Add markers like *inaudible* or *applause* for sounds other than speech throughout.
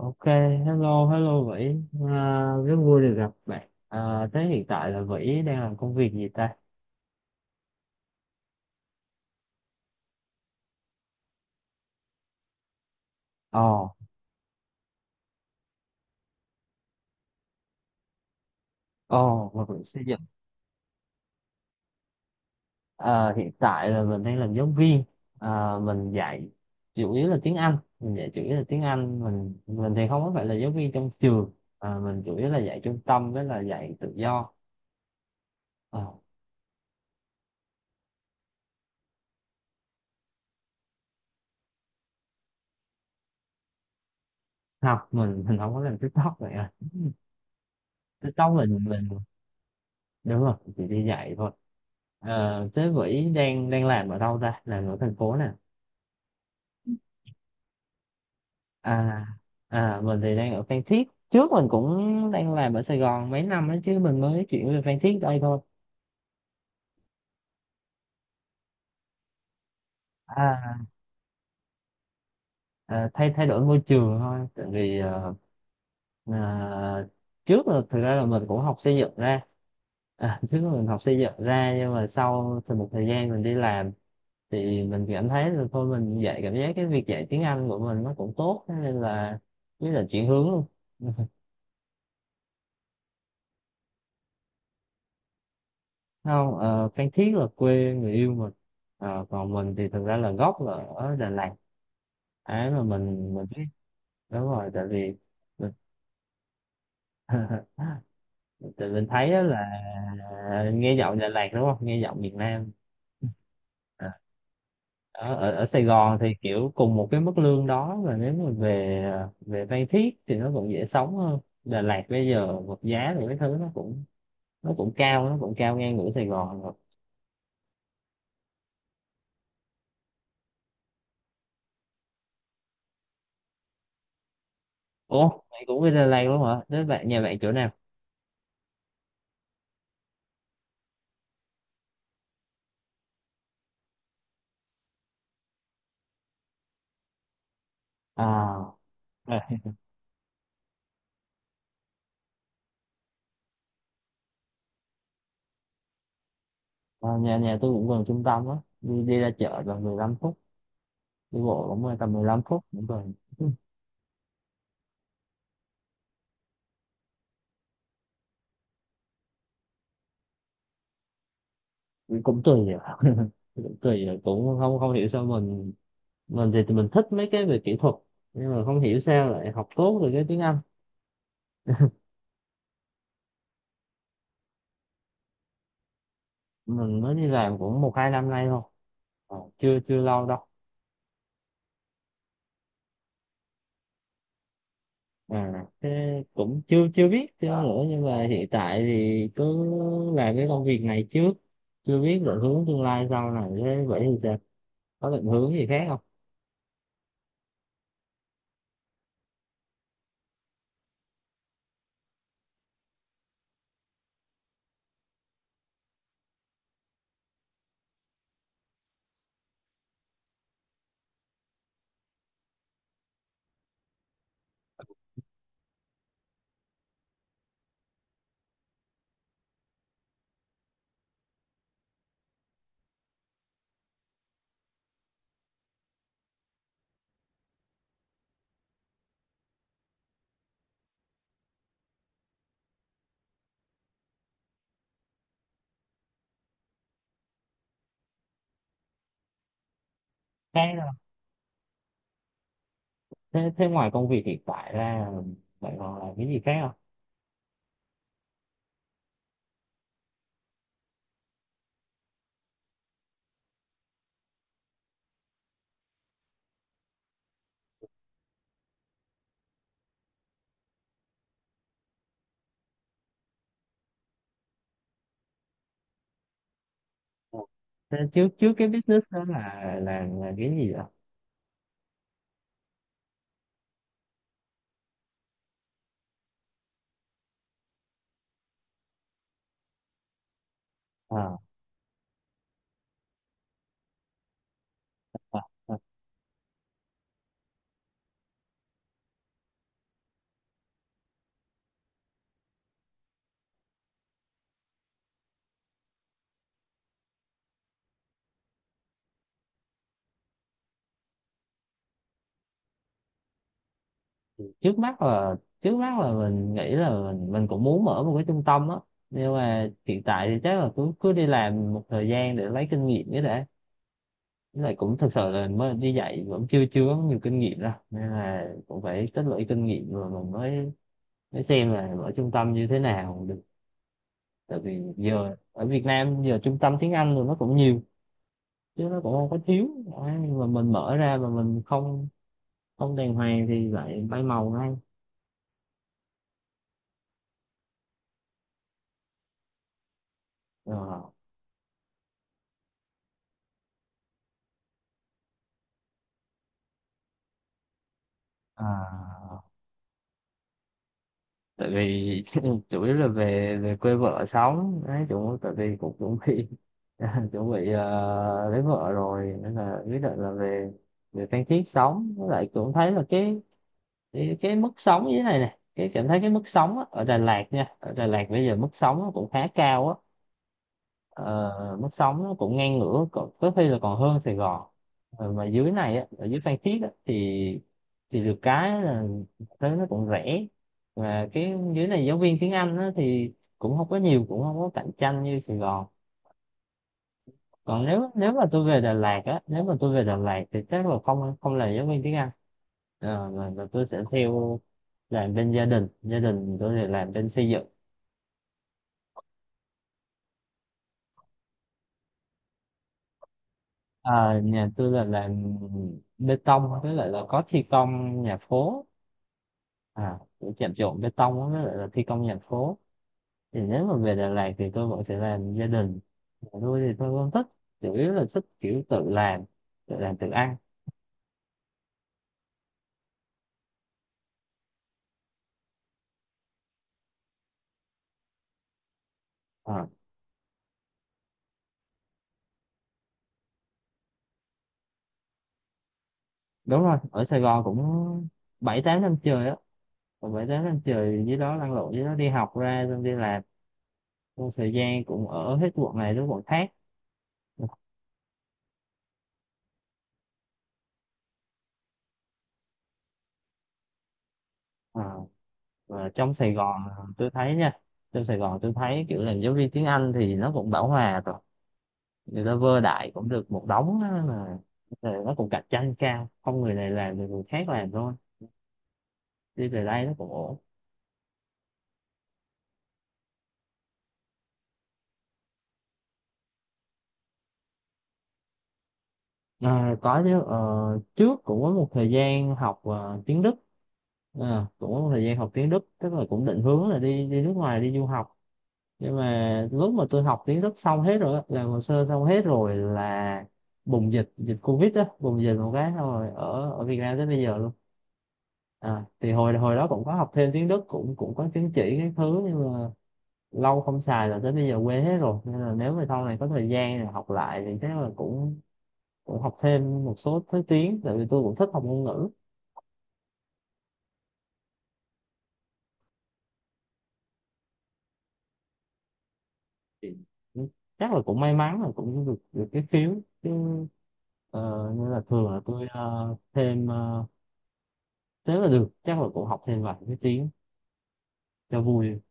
Ok, hello, hello Vĩ. À, rất vui được gặp bạn. À, thế hiện tại là Vĩ đang làm công việc gì ta? Ồ, ồ, vật liệu xây dựng. À, hiện tại là mình đang làm giáo viên. À, mình dạy chủ yếu là tiếng Anh. Mình dạy chủ yếu là tiếng Anh. Mình thì không có phải là giáo viên trong trường. À, mình chủ yếu là dạy trung tâm với là dạy tự do. À, học mình không có làm TikTok vậy à. *laughs* TikTok mình, đúng rồi, chỉ đi dạy thôi. Ờ, thế Vĩ đang đang làm ở đâu ta, làm ở thành phố nè? À, à, mình thì đang ở Phan Thiết, trước mình cũng đang làm ở Sài Gòn mấy năm đó chứ mình mới chuyển về Phan Thiết đây thôi. À, à, thay thay đổi môi trường thôi, tại vì ờ, à, trước là thực ra là mình cũng học xây dựng ra. À, *laughs* trước là mình học xây dựng ra nhưng mà sau thì một thời gian mình đi làm thì mình cảm thấy là thôi mình dạy, cảm giác cái việc dạy tiếng Anh của mình nó cũng tốt, thế nên là với là chuyển hướng luôn. *laughs* Không, ờ, Phan Thiết là quê người yêu mình. Ờ, còn mình thì thực ra là gốc là ở Đà Lạt. Ấy mà mình biết, đúng rồi, tại vì mình *laughs* tại mình thấy đó là nghe giọng Đà Lạt đúng không, nghe giọng miền Nam. À, ở, ở ở Sài Gòn thì kiểu cùng một cái mức lương đó, và nếu mà về về Phan Thiết thì nó cũng dễ sống hơn. Đà Lạt bây giờ vật giá thì cái thứ nó cũng cao, nó cũng cao ngang ngửa Sài Gòn rồi. Ủa mày cũng đi Đà Lạt luôn hả, thế bạn nhà bạn chỗ nào? À, à, nhà nhà tôi cũng gần trung tâm á, đi đi ra chợ gần 15 phút, đi bộ cũng tầm 15 phút cũng gần. *laughs* cũng cũng tùy rồi. *laughs* Cũng tùy rồi, cũng không không hiểu sao mình thì mình thích mấy cái về kỹ thuật, nhưng mà không hiểu sao lại học tốt được cái tiếng Anh. Mình mới đi làm cũng một hai năm nay thôi. Ờ, chưa chưa lâu đâu. À, thế cũng chưa chưa biết chưa nữa nhưng mà hiện tại thì cứ làm cái công việc này trước, chưa biết định hướng tương lai sau này thế, vậy thì sao, có định hướng gì khác không khác đâu. Thế thế ngoài công việc hiện tại ra bạn còn làm cái gì khác không, thế trước trước cái business đó là cái gì vậy? À, à, à. trước mắt là trước mắt là mình nghĩ là mình cũng muốn mở một cái trung tâm á, nhưng mà hiện tại thì chắc là cứ cứ đi làm một thời gian để lấy kinh nghiệm cái đã. Với lại cũng thực sự là mới đi dạy vẫn chưa chưa có nhiều kinh nghiệm đâu, nên là cũng phải tích lũy kinh nghiệm rồi mình mới mới xem là mở trung tâm như thế nào được, tại vì giờ ở Việt Nam giờ trung tâm tiếng Anh rồi nó cũng nhiều chứ nó cũng không có thiếu. Đấy, nhưng mà mình mở ra mà mình không không đàng hoàng thì lại bay màu ngay rồi. À, tại vì *laughs* chủ yếu là về về quê vợ sống đấy, chủ tại vì cũng chuẩn bị *laughs* chuẩn bị ờ, lấy vợ rồi nên là quyết định là về về Phan Thiết sống, với lại cũng thấy là cái mức sống như thế này này, cái cảm thấy cái mức sống á, ở Đà Lạt nha, ở Đà Lạt bây giờ mức sống nó cũng khá cao á, ờ, mức sống nó cũng ngang ngửa, có khi là còn hơn Sài Gòn. Ờ, mà dưới này á, ở dưới Phan Thiết á, thì được cái là thế nó cũng rẻ, và cái dưới này giáo viên tiếng Anh á, thì cũng không có nhiều, cũng không có cạnh tranh như Sài Gòn. Còn nếu nếu mà tôi về Đà Lạt á, nếu mà tôi về Đà Lạt thì chắc là không không là giáo viên tiếng Anh. Ờ, mà tôi sẽ theo làm bên gia đình, gia đình tôi thì làm bên xây dựng. Ờ, nhà tôi là làm bê tông với lại là có thi công nhà phố, à cũng chạm trộn bê tông á, với lại là thi công nhà phố, thì nếu mà về Đà Lạt thì tôi vẫn sẽ làm gia đình. Còn tôi thì tôi không thích, chủ yếu là thích kiểu tự làm, tự ăn. Ờ, đúng rồi, ở Sài Gòn cũng bảy tám năm trời á, còn bảy tám năm trời dưới đó lăn lộn, dưới đó đi học ra xong đi làm, trong thời gian cũng ở hết quận này đến quận khác. Ờ, và trong Sài Gòn à, tôi thấy nha, trong Sài Gòn tôi thấy kiểu là giáo viên tiếng Anh thì nó cũng bão hòa rồi, người ta vơ đại cũng được một đống á, mà rồi nó cũng cạnh tranh cao, không, người này làm thì người khác làm thôi, đi về đây nó cũng ổn. À, có chứ ờ, trước cũng có một thời gian học ờ, tiếng Đức. À, cũng có một thời gian học tiếng Đức, tức là cũng định hướng là đi đi nước ngoài đi du học, nhưng mà lúc mà tôi học tiếng Đức xong hết rồi á, làm hồ sơ xong hết rồi là bùng dịch, Covid á, bùng dịch một cái xong rồi ở ở Việt Nam tới bây giờ luôn. À, thì hồi hồi đó cũng có học thêm tiếng Đức, cũng cũng có chứng chỉ cái thứ, nhưng mà lâu không xài là tới bây giờ quên hết rồi, nên là nếu mà sau này có thời gian rồi học lại thì chắc là cũng cũng học thêm một số thứ tiếng, tại vì tôi cũng thích học ngôn ngữ. Thì chắc là cũng may mắn là cũng được được cái phiếu chứ ờ, nên là thường là tôi ờ, thêm ờ, thế là được, chắc là cũng học thêm vài cái tiếng cho vui.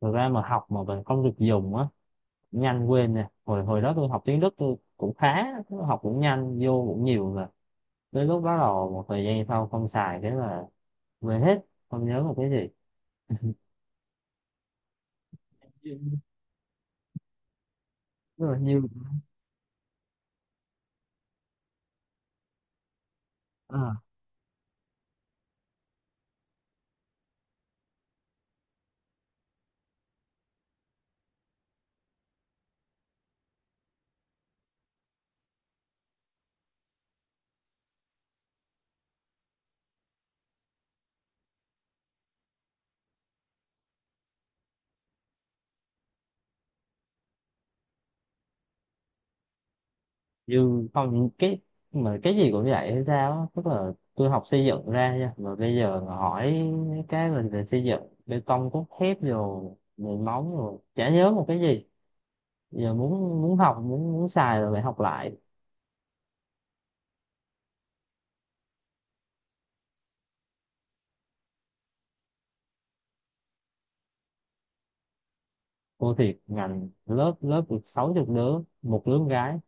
Thật ra mà học mà mình không được dùng á nhanh quên nè, hồi hồi đó tôi học tiếng Đức tôi cũng khá, học cũng nhanh vô cũng nhiều rồi. Tới lúc bắt đầu một thời gian sau không xài thế là quên hết, không nhớ một cái gì, tức là như à, như không cái mà cái gì cũng vậy hay sao á. Tức là tôi học xây dựng ra nha, mà bây giờ mà hỏi mấy cái mình về xây dựng, bê tông cốt thép rồi nền móng rồi chả nhớ một cái gì, giờ muốn muốn học muốn muốn xài rồi lại học lại. Cô thiệt ngành lớp lớp được 60 đứa một đứa con gái,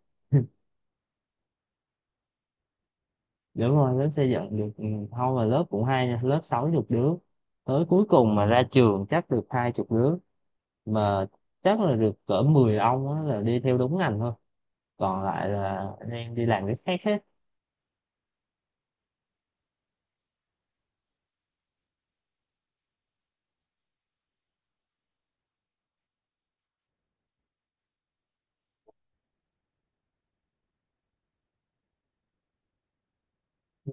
đúng rồi lớp xây dựng được ừ, thôi mà lớp cũng hay nha, lớp 60 đứa tới cuối cùng mà ra trường chắc được 20 đứa, mà chắc là được cỡ 10 ông á, là đi theo đúng ngành thôi, còn lại là đang đi làm cái khác hết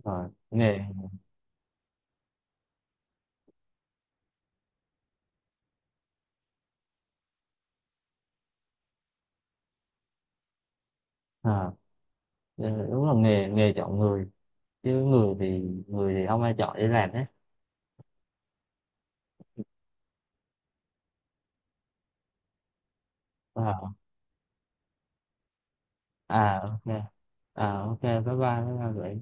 rồi nghề. À, ờ, đúng là nghề nghề chọn người chứ người thì không ai chọn đi làm hết. À, à ok. À ok bye bye, bye bye.